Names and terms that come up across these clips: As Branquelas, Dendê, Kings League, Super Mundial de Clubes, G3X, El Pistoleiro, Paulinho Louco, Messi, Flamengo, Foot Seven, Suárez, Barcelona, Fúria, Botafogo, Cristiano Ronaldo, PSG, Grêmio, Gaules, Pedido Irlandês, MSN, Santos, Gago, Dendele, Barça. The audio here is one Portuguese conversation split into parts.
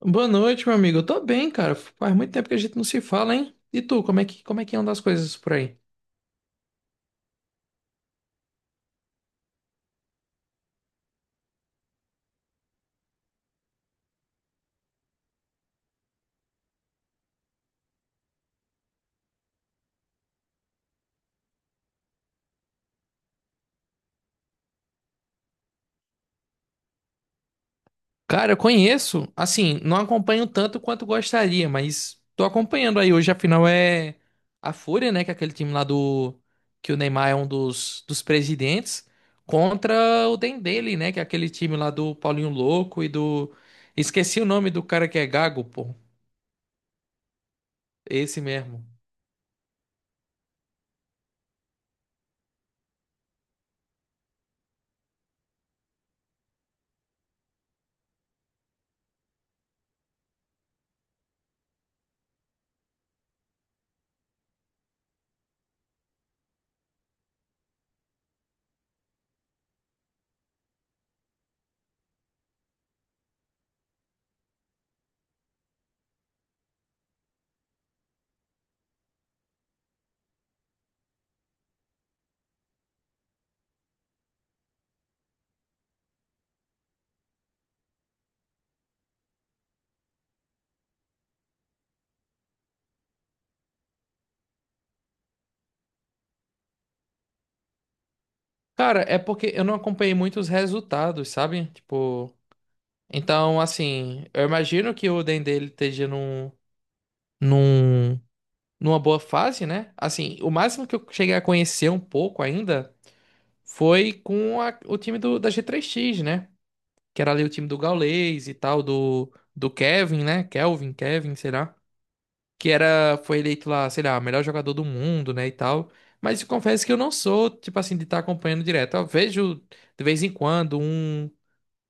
Boa noite, meu amigo. Eu tô bem, cara. Faz muito tempo que a gente não se fala, hein? E tu, como é que andam as coisas por aí? Cara, eu conheço, assim, não acompanho tanto quanto gostaria, mas tô acompanhando aí. Hoje, afinal, é a Fúria, né? Que é aquele time lá do... Que o Neymar é um dos presidentes. Contra o Dendele, né? Que é aquele time lá do Paulinho Louco e do... Esqueci o nome do cara que é Gago, pô. Esse mesmo. Cara, é porque eu não acompanhei muito os resultados, sabe? Tipo... Então, assim, eu imagino que o Dendê ele esteja num, numa boa fase, né? Assim, o máximo que eu cheguei a conhecer um pouco ainda foi com o time da G3X, né? Que era ali o time do Gaules e tal, do Kevin, né? Kelvin, Kevin, sei lá. Que era, foi eleito lá, sei lá, melhor jogador do mundo, né? E tal. Mas eu confesso que eu não sou, tipo assim, de estar acompanhando direto. Eu vejo de vez em quando um.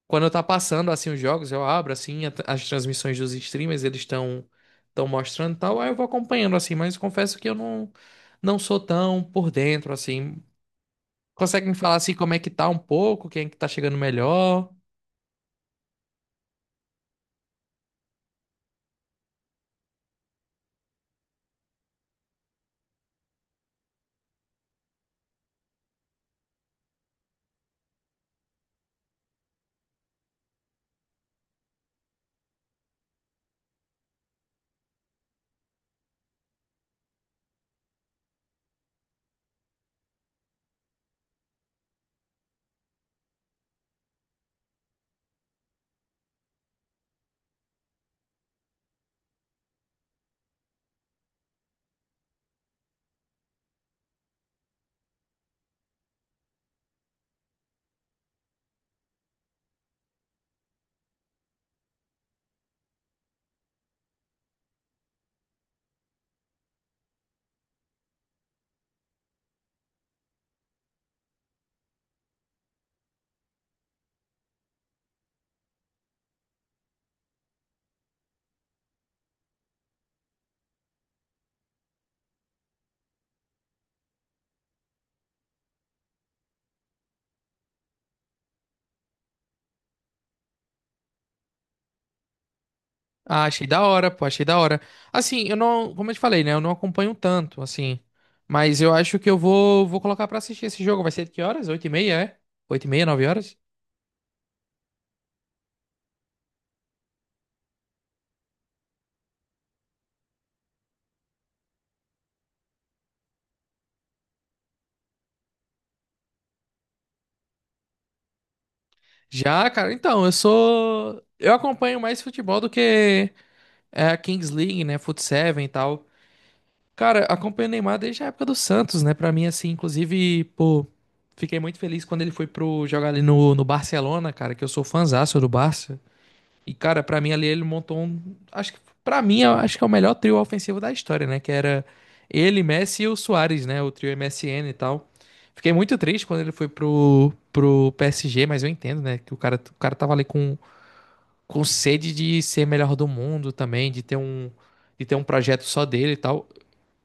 Quando tá passando assim os jogos, eu abro assim as transmissões dos streamers, eles estão mostrando e tal, aí eu vou acompanhando assim, mas confesso que eu não sou tão por dentro assim. Consegue me falar assim como é que tá um pouco, quem é que tá chegando melhor? Ah, achei da hora, pô, achei da hora. Assim, eu não, como eu te falei, né, eu não acompanho tanto assim, mas eu acho que eu vou colocar pra assistir esse jogo. Vai ser de que horas? Oito e meia, é? Oito e meia, nove horas? Já, cara, então, eu sou. Eu acompanho mais futebol do que. É a Kings League, né? Foot Seven e tal. Cara, acompanho o Neymar desde a época do Santos, né? Pra mim, assim, inclusive, pô, fiquei muito feliz quando ele foi pro jogar ali no Barcelona, cara, que eu sou fãzaço do Barça. E, cara, pra mim ali ele montou um. Acho que, pra mim, eu acho que é o melhor trio ofensivo da história, né? Que era ele, Messi e o Suárez, né? O trio MSN e tal. Fiquei muito triste quando ele foi pro PSG, mas eu entendo, né? Que o cara tava ali com sede de ser melhor do mundo também, de ter um projeto só dele e tal.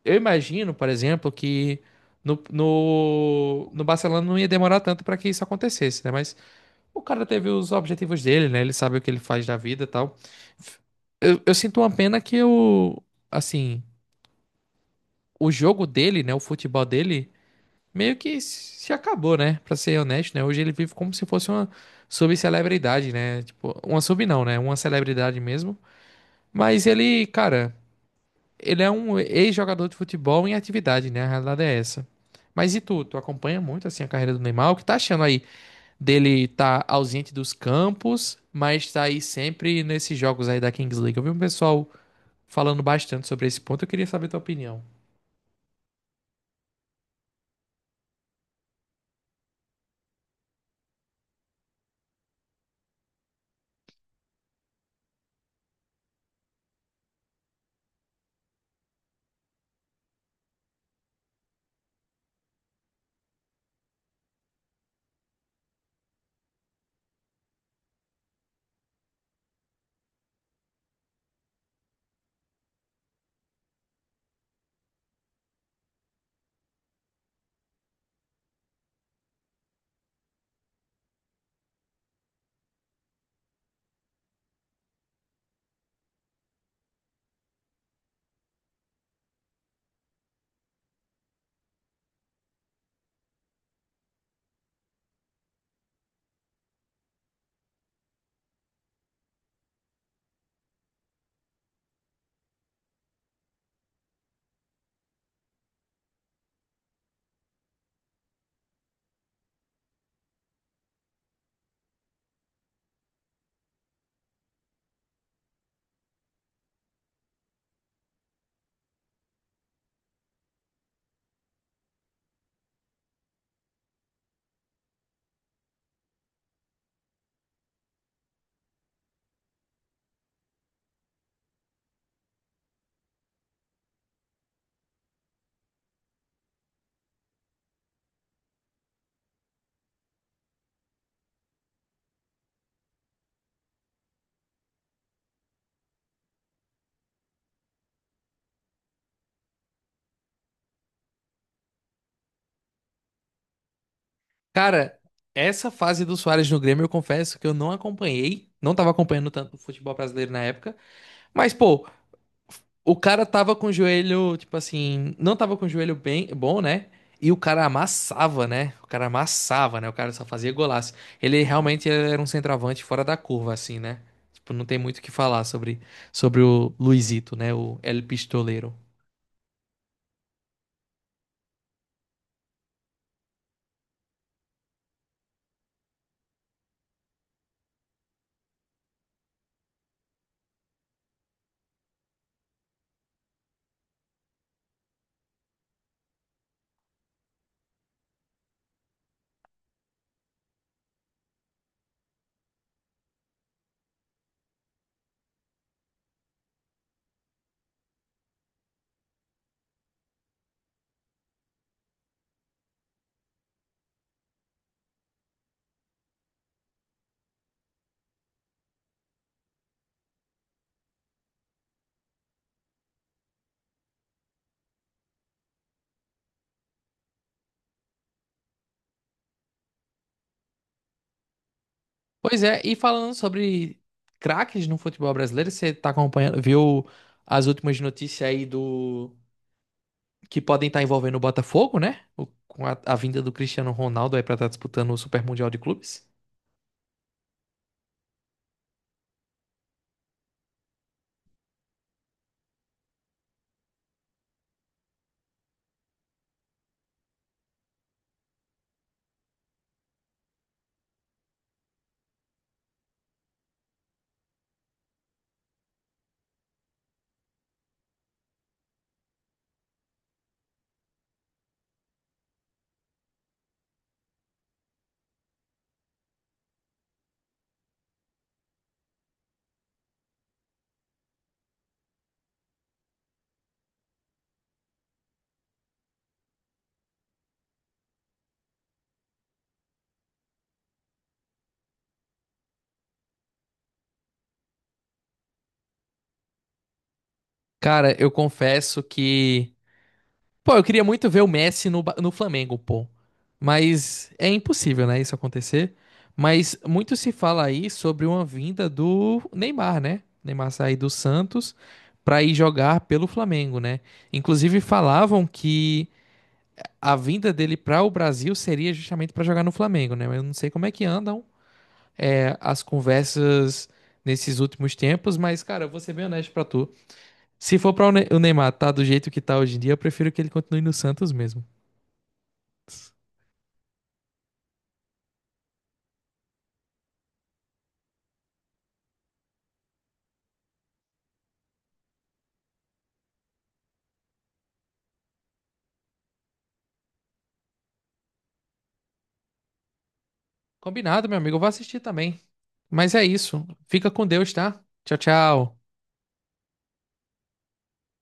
Eu imagino, por exemplo, que no Barcelona não ia demorar tanto para que isso acontecesse, né? Mas o cara teve os objetivos dele, né? Ele sabe o que ele faz da vida e tal. Eu sinto uma pena que o, assim, o jogo dele, né? O futebol dele meio que se acabou, né? Pra ser honesto, né? Hoje ele vive como se fosse uma subcelebridade, né? Tipo, uma sub não, né? Uma celebridade mesmo, mas ele, cara, ele é um ex-jogador de futebol em atividade, né? A realidade é essa. Mas e tu? Tu acompanha muito assim a carreira do Neymar? O que tá achando aí dele tá ausente dos campos, mas tá aí sempre nesses jogos aí da Kings League? Eu vi um pessoal falando bastante sobre esse ponto, eu queria saber tua opinião. Cara, essa fase do Suárez no Grêmio, eu confesso que eu não acompanhei, não tava acompanhando tanto o futebol brasileiro na época, mas pô, o cara tava com o joelho, tipo assim, não tava com o joelho bem, bom, né? E o cara amassava, né? O cara amassava, né? O cara só fazia golaço. Ele realmente era um centroavante fora da curva, assim, né? Tipo, não tem muito o que falar sobre o Luizito, né? O El Pistoleiro. Pois é, e falando sobre craques no futebol brasileiro, você tá acompanhando, viu as últimas notícias aí do que podem estar envolvendo o Botafogo, né? Com a vinda do Cristiano Ronaldo aí pra estar disputando o Super Mundial de Clubes. Cara, eu confesso que. Pô, eu queria muito ver o Messi no, no Flamengo, pô. Mas é impossível, né, isso acontecer. Mas muito se fala aí sobre uma vinda do Neymar, né? Neymar sair do Santos pra ir jogar pelo Flamengo, né? Inclusive falavam que a vinda dele para o Brasil seria justamente pra jogar no Flamengo, né? Mas eu não sei como é que andam é, as conversas nesses últimos tempos, mas, cara, eu vou ser bem honesto pra tu. Se for pra o o Neymar tá do jeito que tá hoje em dia, eu prefiro que ele continue no Santos mesmo. Combinado, meu amigo. Eu vou assistir também. Mas é isso. Fica com Deus, tá? Tchau, tchau.